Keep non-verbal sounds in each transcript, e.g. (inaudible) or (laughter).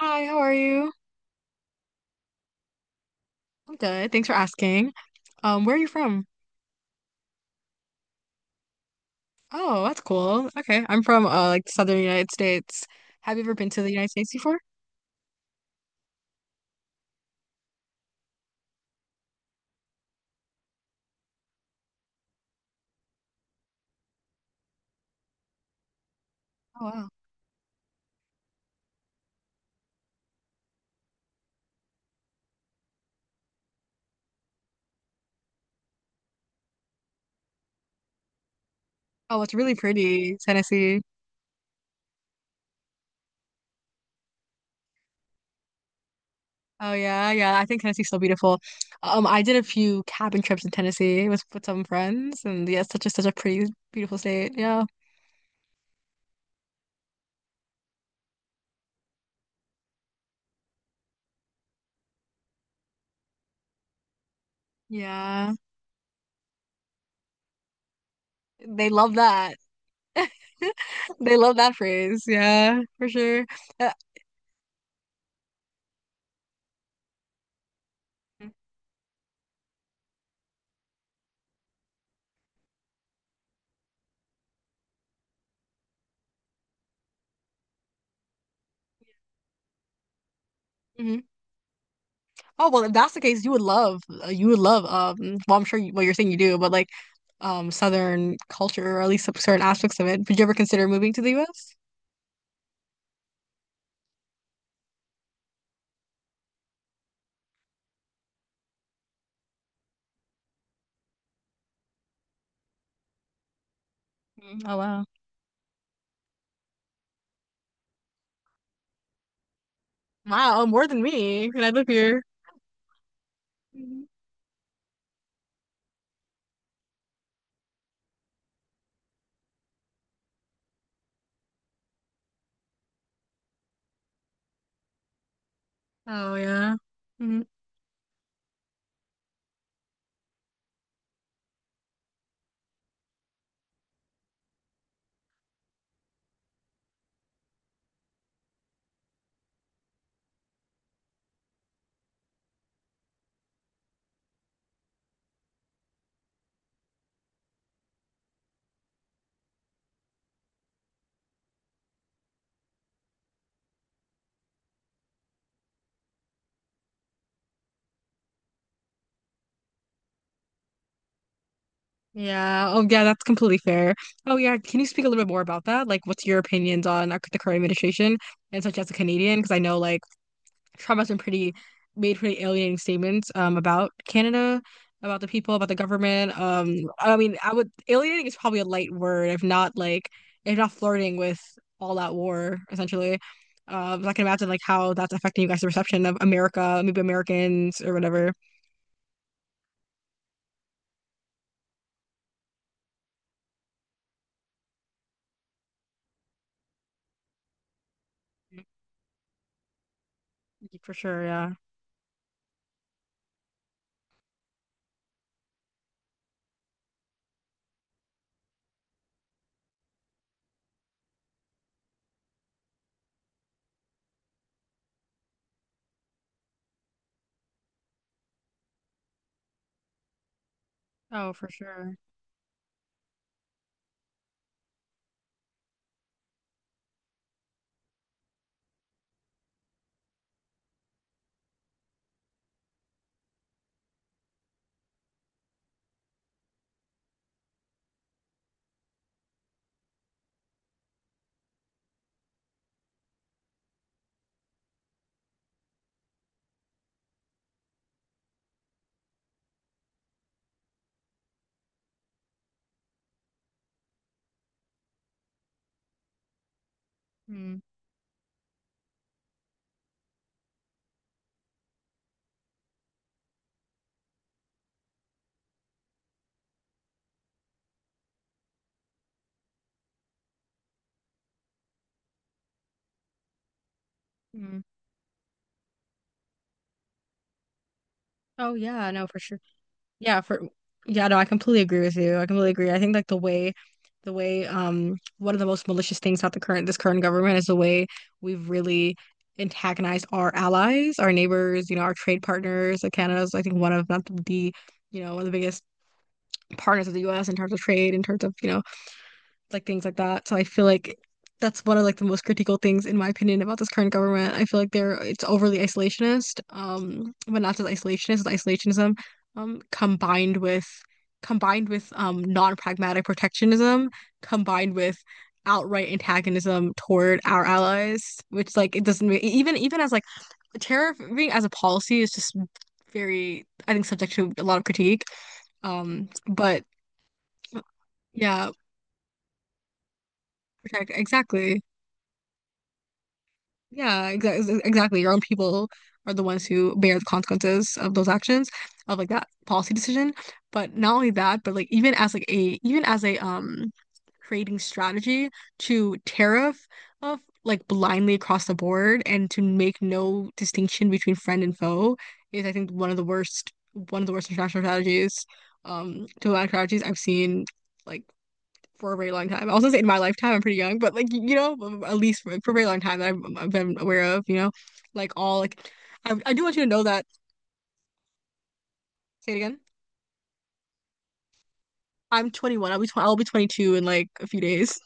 Hi, how are you? I'm good. Thanks for asking. Where are you from? Oh, that's cool. Okay, I'm from like Southern United States. Have you ever been to the United States before? Oh wow. Oh, it's really pretty, Tennessee. Oh yeah, yeah. I think Tennessee's so beautiful. I did a few cabin trips in Tennessee with some friends, and yeah, it's such a pretty, beautiful state. Yeah, yeah. They love that. (laughs) They love that phrase. Yeah, for sure. Uh, mhm. Oh well, if that's the case, you would love Well, I'm sure well you're saying you do, but like Southern culture or at least some certain aspects of it. Would you ever consider moving to the U.S.? Mm, oh wow. Wow, more than me. And I live here. Mhm. Oh yeah. Mhm. Yeah. Oh yeah, that's completely fair. Oh yeah, can you speak a little bit more about that? Like what's your opinions on the current administration and such as a Canadian? Because I know like Trump has been pretty made pretty alienating statements about Canada, about the people, about the government. I mean, I would alienating is probably a light word, if not if not flirting with all out war, essentially. So I can imagine like how that's affecting you guys' perception of America, maybe Americans or whatever. For sure, yeah. Oh, for sure. Mm-hmm. Oh yeah, no, for sure. Yeah, for yeah, no, I completely agree with you. I completely agree. I think like the way one of the most malicious things about the current this current government is the way we've really antagonized our allies, our neighbors, you know, our trade partners. Like Canada's I think one of not the you know, one of the biggest partners of the U.S. in terms of trade, in terms of, you know, like things like that. So I feel like that's one of like the most critical things in my opinion about this current government. I feel like they're it's overly isolationist, but not just isolationist, it's isolationism, um, combined with combined with non-pragmatic protectionism, combined with outright antagonism toward our allies, which like it doesn't make, even as like tariffing as a policy is just very I think subject to a lot of critique. But yeah, protect exactly. Yeah, exactly. Exactly. Your own people are the ones who bear the consequences of those actions, of like that policy decision. But not only that, but like even as a creating strategy to tariff of like blindly across the board and to make no distinction between friend and foe is I think one of the worst international strategies, diplomatic strategies I've seen. Like for a very long time. I was gonna say in my lifetime, I'm pretty young, but like you know, at least for a very long time that I've been aware of, you know, like all like I do want you to know that. Say it again. I'm 21. I'll be tw I'll be 22 in like a few days.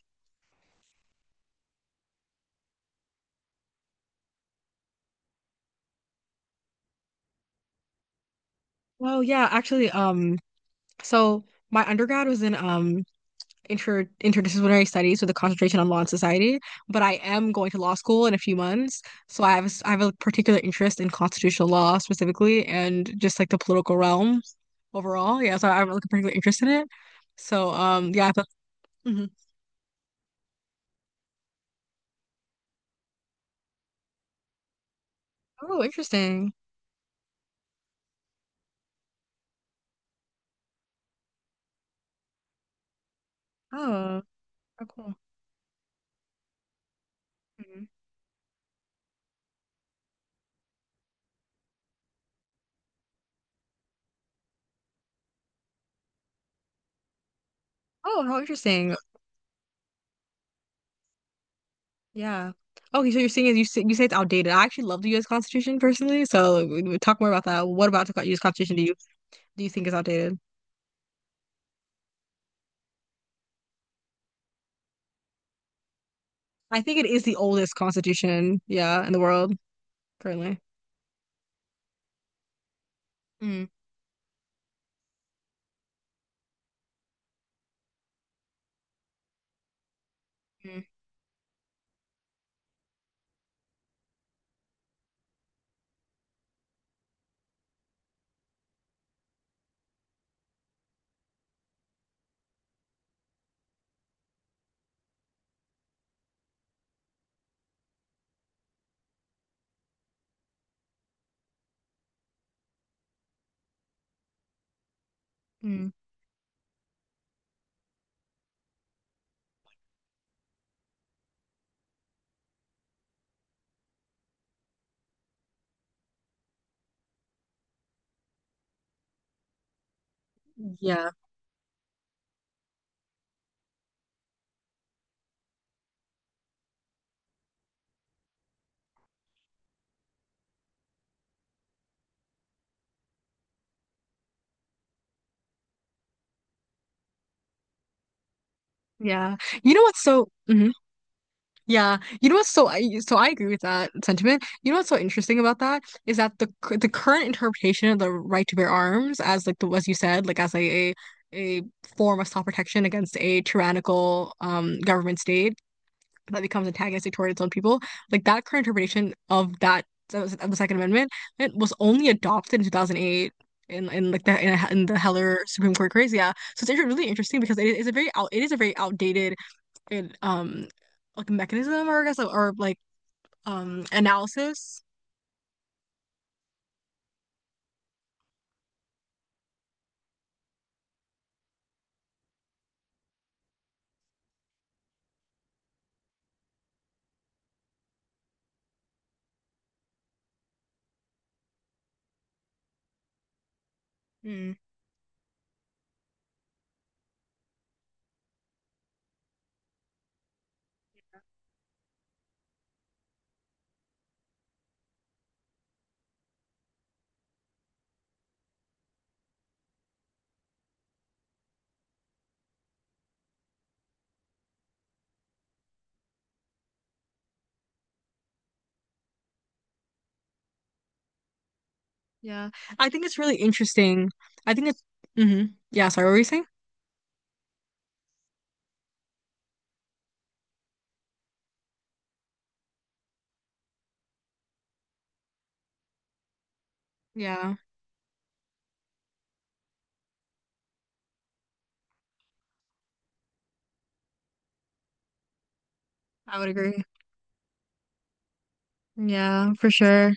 Oh yeah, actually, so my undergrad was in interdisciplinary studies with a concentration on law and society, but I am going to law school in a few months, so I have a I have a particular interest in constitutional law specifically and just like the political realm overall. Yeah, so I have like a particular interest in it. So yeah, I thought, mhm. Oh, interesting. Oh, oh, cool. Mhm. Oh, how interesting. Yeah. Okay, so you're saying you say it's outdated. I actually love the U.S. Constitution personally, so we talk more about that. What about the U.S. Constitution do you think is outdated? I think it is the oldest constitution, yeah, in the world currently. Mm, mm, mm. Yeah, yeah. You know what's so, mhm. yeah. You know what's so, I agree with that sentiment. You know what's so interesting about that is that the current interpretation of the right to bear arms as like the as you said, like as a form of self protection against a tyrannical government state that becomes antagonistic toward its own people. Like that current interpretation of that of the Second Amendment, it was only adopted in 2008 in in the Heller Supreme Court case. Yeah, so it's really interesting because it is a very out it is a very outdated and, like mechanism or I guess or like analysis. Mm, yeah. I think it's really interesting. I think it's mm-hmm. Yeah, sorry, what were you saying? Yeah, I would agree. Yeah, for sure.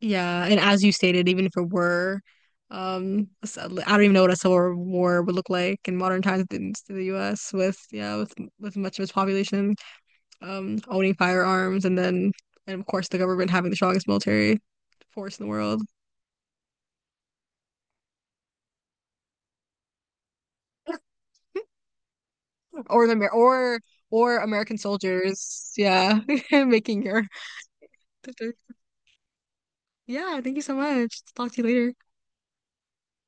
Yeah, and as you stated, even if it were, I don't even know what a civil war would look like in modern times in to the U.S. with yeah, with much of its population owning firearms, and then and of course the government having the strongest military force in the world, (laughs) or the Amer or or American soldiers, yeah, (laughs) making your yeah. Thank you so much. Talk to you later.